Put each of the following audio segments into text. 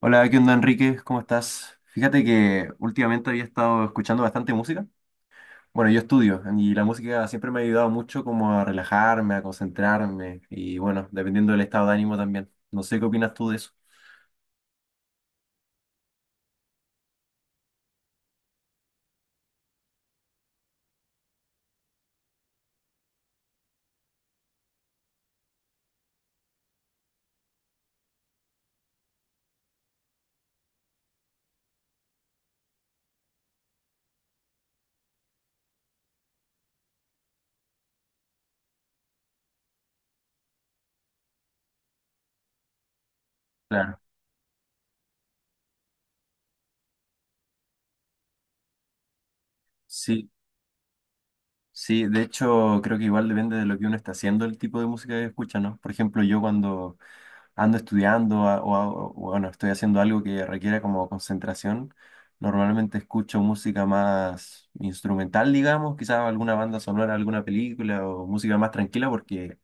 Hola, ¿qué onda Enrique? ¿Cómo estás? Fíjate que últimamente había estado escuchando bastante música. Bueno, yo estudio y la música siempre me ha ayudado mucho como a relajarme, a concentrarme y bueno, dependiendo del estado de ánimo también. No sé qué opinas tú de eso. Claro, sí, sí, de hecho creo que igual depende de lo que uno está haciendo, el tipo de música que escucha, ¿no? Por ejemplo, yo cuando ando estudiando a- o, bueno, estoy haciendo algo que requiera como concentración, normalmente escucho música más instrumental, digamos, quizás alguna banda sonora, alguna película o música más tranquila porque,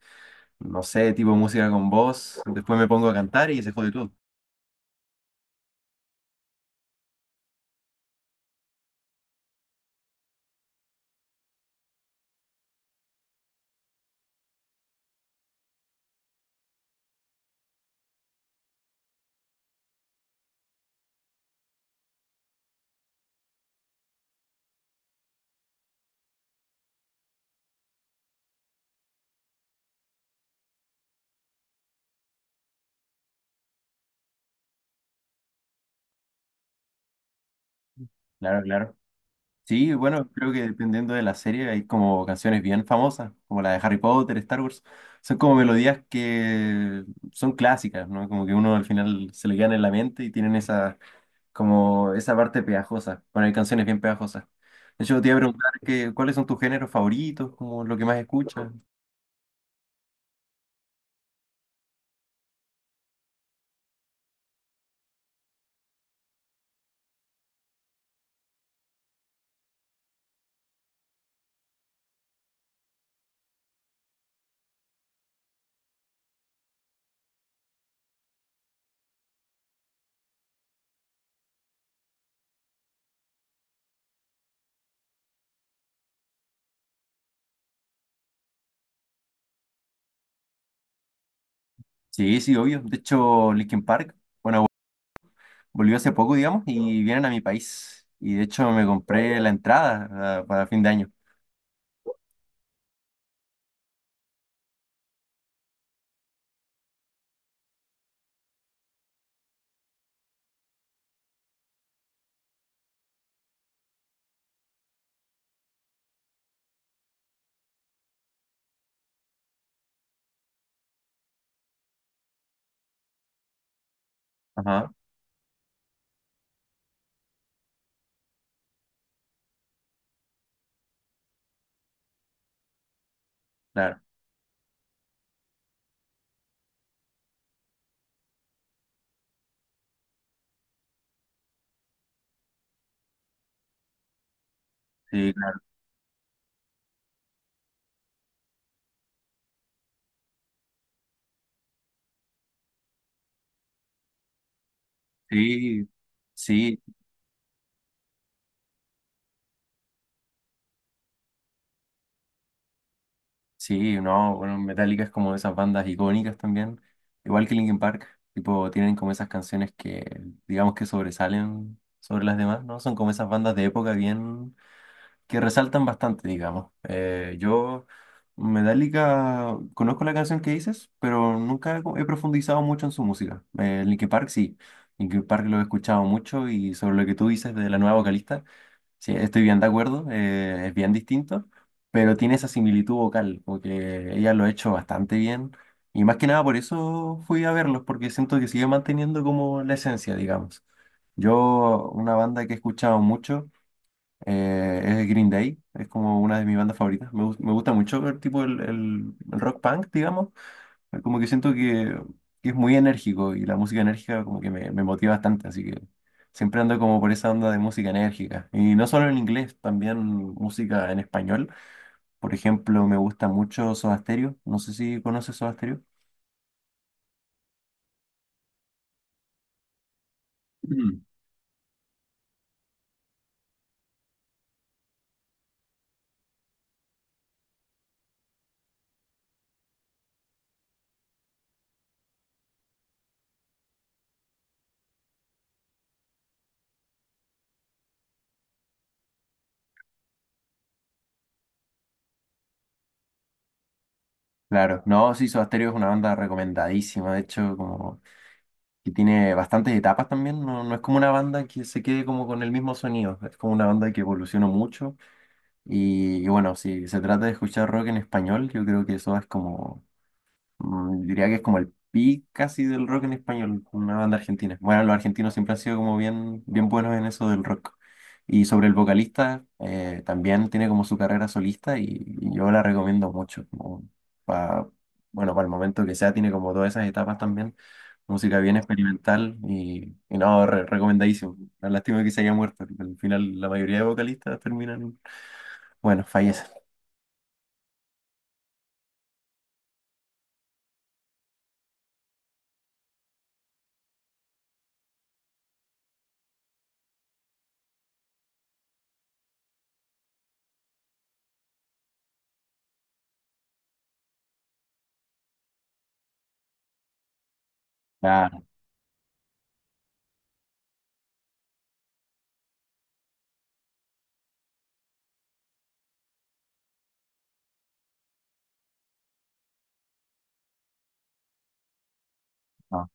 no sé, tipo música con voz, después me pongo a cantar y se jode todo. Claro, claro. Sí, bueno, creo que dependiendo de la serie hay como canciones bien famosas, como la de Harry Potter, Star Wars. Son como melodías que son clásicas, ¿no? Como que uno al final se le quedan en la mente y tienen esa como esa parte pegajosa, bueno, hay canciones bien pegajosas. De hecho, te iba a preguntar que, cuáles son tus géneros favoritos, como lo que más escuchas. Sí, sí, obvio. De hecho, Linkin Park, bueno, volvió hace poco, digamos, y vienen a mi país. Y de hecho me compré la entrada ah, para fin de año. Ajá, claro. Sí, claro. Sí, sí. Sí, no, bueno, Metallica es como de esas bandas icónicas también, igual que Linkin Park, tipo, tienen como esas canciones que, digamos que sobresalen sobre las demás, ¿no? Son como esas bandas de época bien, que resaltan bastante, digamos. Yo, Metallica, conozco la canción que dices, pero nunca he profundizado mucho en su música. Linkin Park sí, Linkin Park lo he escuchado mucho y sobre lo que tú dices de la nueva vocalista. Sí, estoy bien de acuerdo, es bien distinto, pero tiene esa similitud vocal, porque ella lo ha hecho bastante bien y más que nada por eso fui a verlos, porque siento que sigue manteniendo como la esencia, digamos. Yo, una banda que he escuchado mucho es Green Day, es como una de mis bandas favoritas, me gusta mucho el tipo, el rock punk, digamos, como que siento que es muy enérgico y la música enérgica como que me motiva bastante, así que siempre ando como por esa onda de música enérgica. Y no solo en inglés, también música en español. Por ejemplo, me gusta mucho Soda Stereo. No sé si conoces Soda Stereo. Mm. Claro, no, sí, Soda Stereo es una banda recomendadísima, de hecho, como que tiene bastantes etapas también, no, no es como una banda que se quede como con el mismo sonido, es como una banda que evolucionó mucho y bueno, si se trata de escuchar rock en español, yo creo que eso es como mm, diría que es como el pic casi del rock en español, una banda argentina. Bueno, los argentinos siempre han sido como bien, bien buenos en eso del rock. Y sobre el vocalista, también tiene como su carrera solista y yo la recomiendo mucho, pa- bueno, para el momento que sea, tiene como todas esas etapas también. Música bien experimental y no, recomendadísimo. La lástima que se haya muerto, porque al final, la mayoría de vocalistas terminan, bueno, fallecen. Claro, no.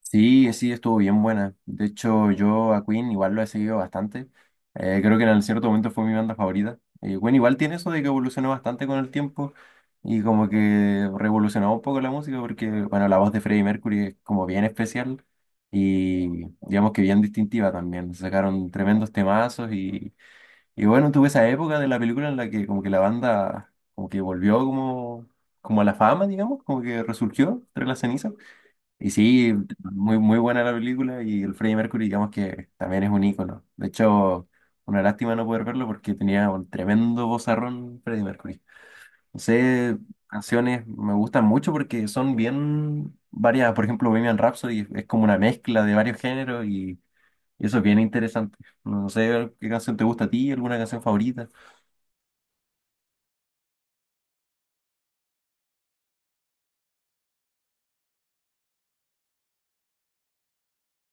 Sí, sí, estuvo bien buena. De hecho, yo a Queen igual lo he seguido bastante. Creo que en cierto momento fue mi banda favorita. Queen igual tiene eso de que evolucionó bastante con el tiempo y como que revolucionó un poco la música porque, bueno, la voz de Freddie Mercury es como bien especial y digamos que bien distintiva también. Sacaron tremendos temazos y bueno, tuve esa época de la película en la que como que la banda como que volvió como, como a la fama, digamos, como que resurgió entre las cenizas. Y sí, muy, muy buena la película y el Freddie Mercury, digamos que también es un ícono. De hecho, una lástima no poder verlo porque tenía un tremendo vozarrón Freddie Mercury. No sé, canciones me gustan mucho porque son bien variadas. Por ejemplo, Bohemian Rhapsody es como una mezcla de varios géneros y eso es bien interesante. No, no sé qué canción te gusta a ti, alguna canción favorita.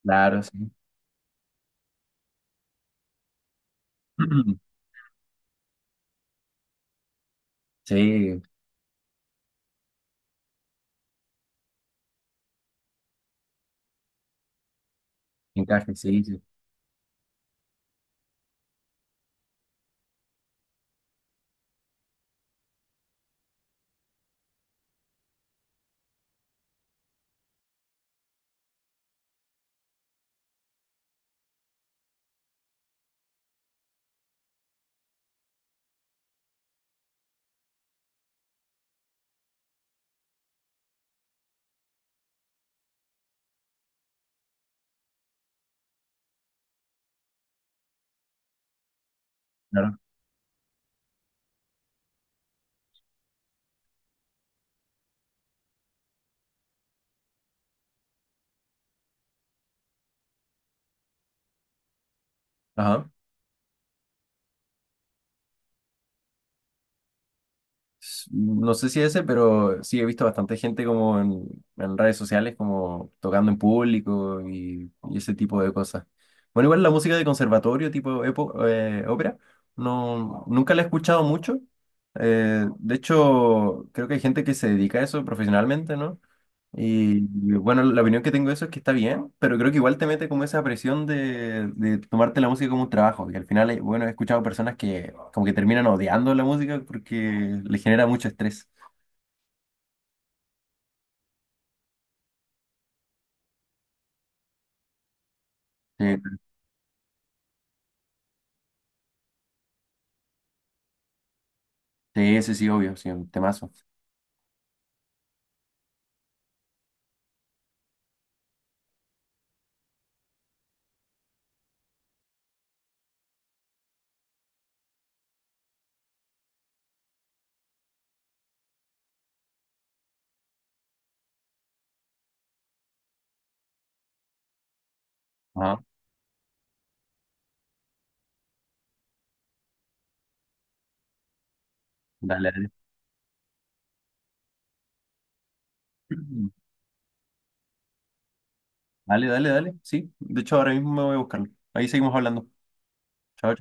Claro, sí. Sí, encaje, sí, sí. Claro. Ajá. No sé si ese, pero sí he visto bastante gente como en redes sociales, como tocando en público y ese tipo de cosas. Bueno, igual la música de conservatorio, tipo ópera, no, nunca la he escuchado mucho. De hecho, creo que hay gente que se dedica a eso profesionalmente, ¿no? Y bueno, la opinión que tengo de eso es que está bien, pero creo que igual te mete como esa presión de tomarte la música como un trabajo. Y al final, bueno, he escuchado personas que como que terminan odiando la música porque le genera mucho estrés. Eh, Sí, sí, ese sí, obvio, sí, un temazo. Ajá, dale, dale. Dale, dale, dale, sí. De hecho, ahora mismo me voy a buscarlo. Ahí seguimos hablando. Chao.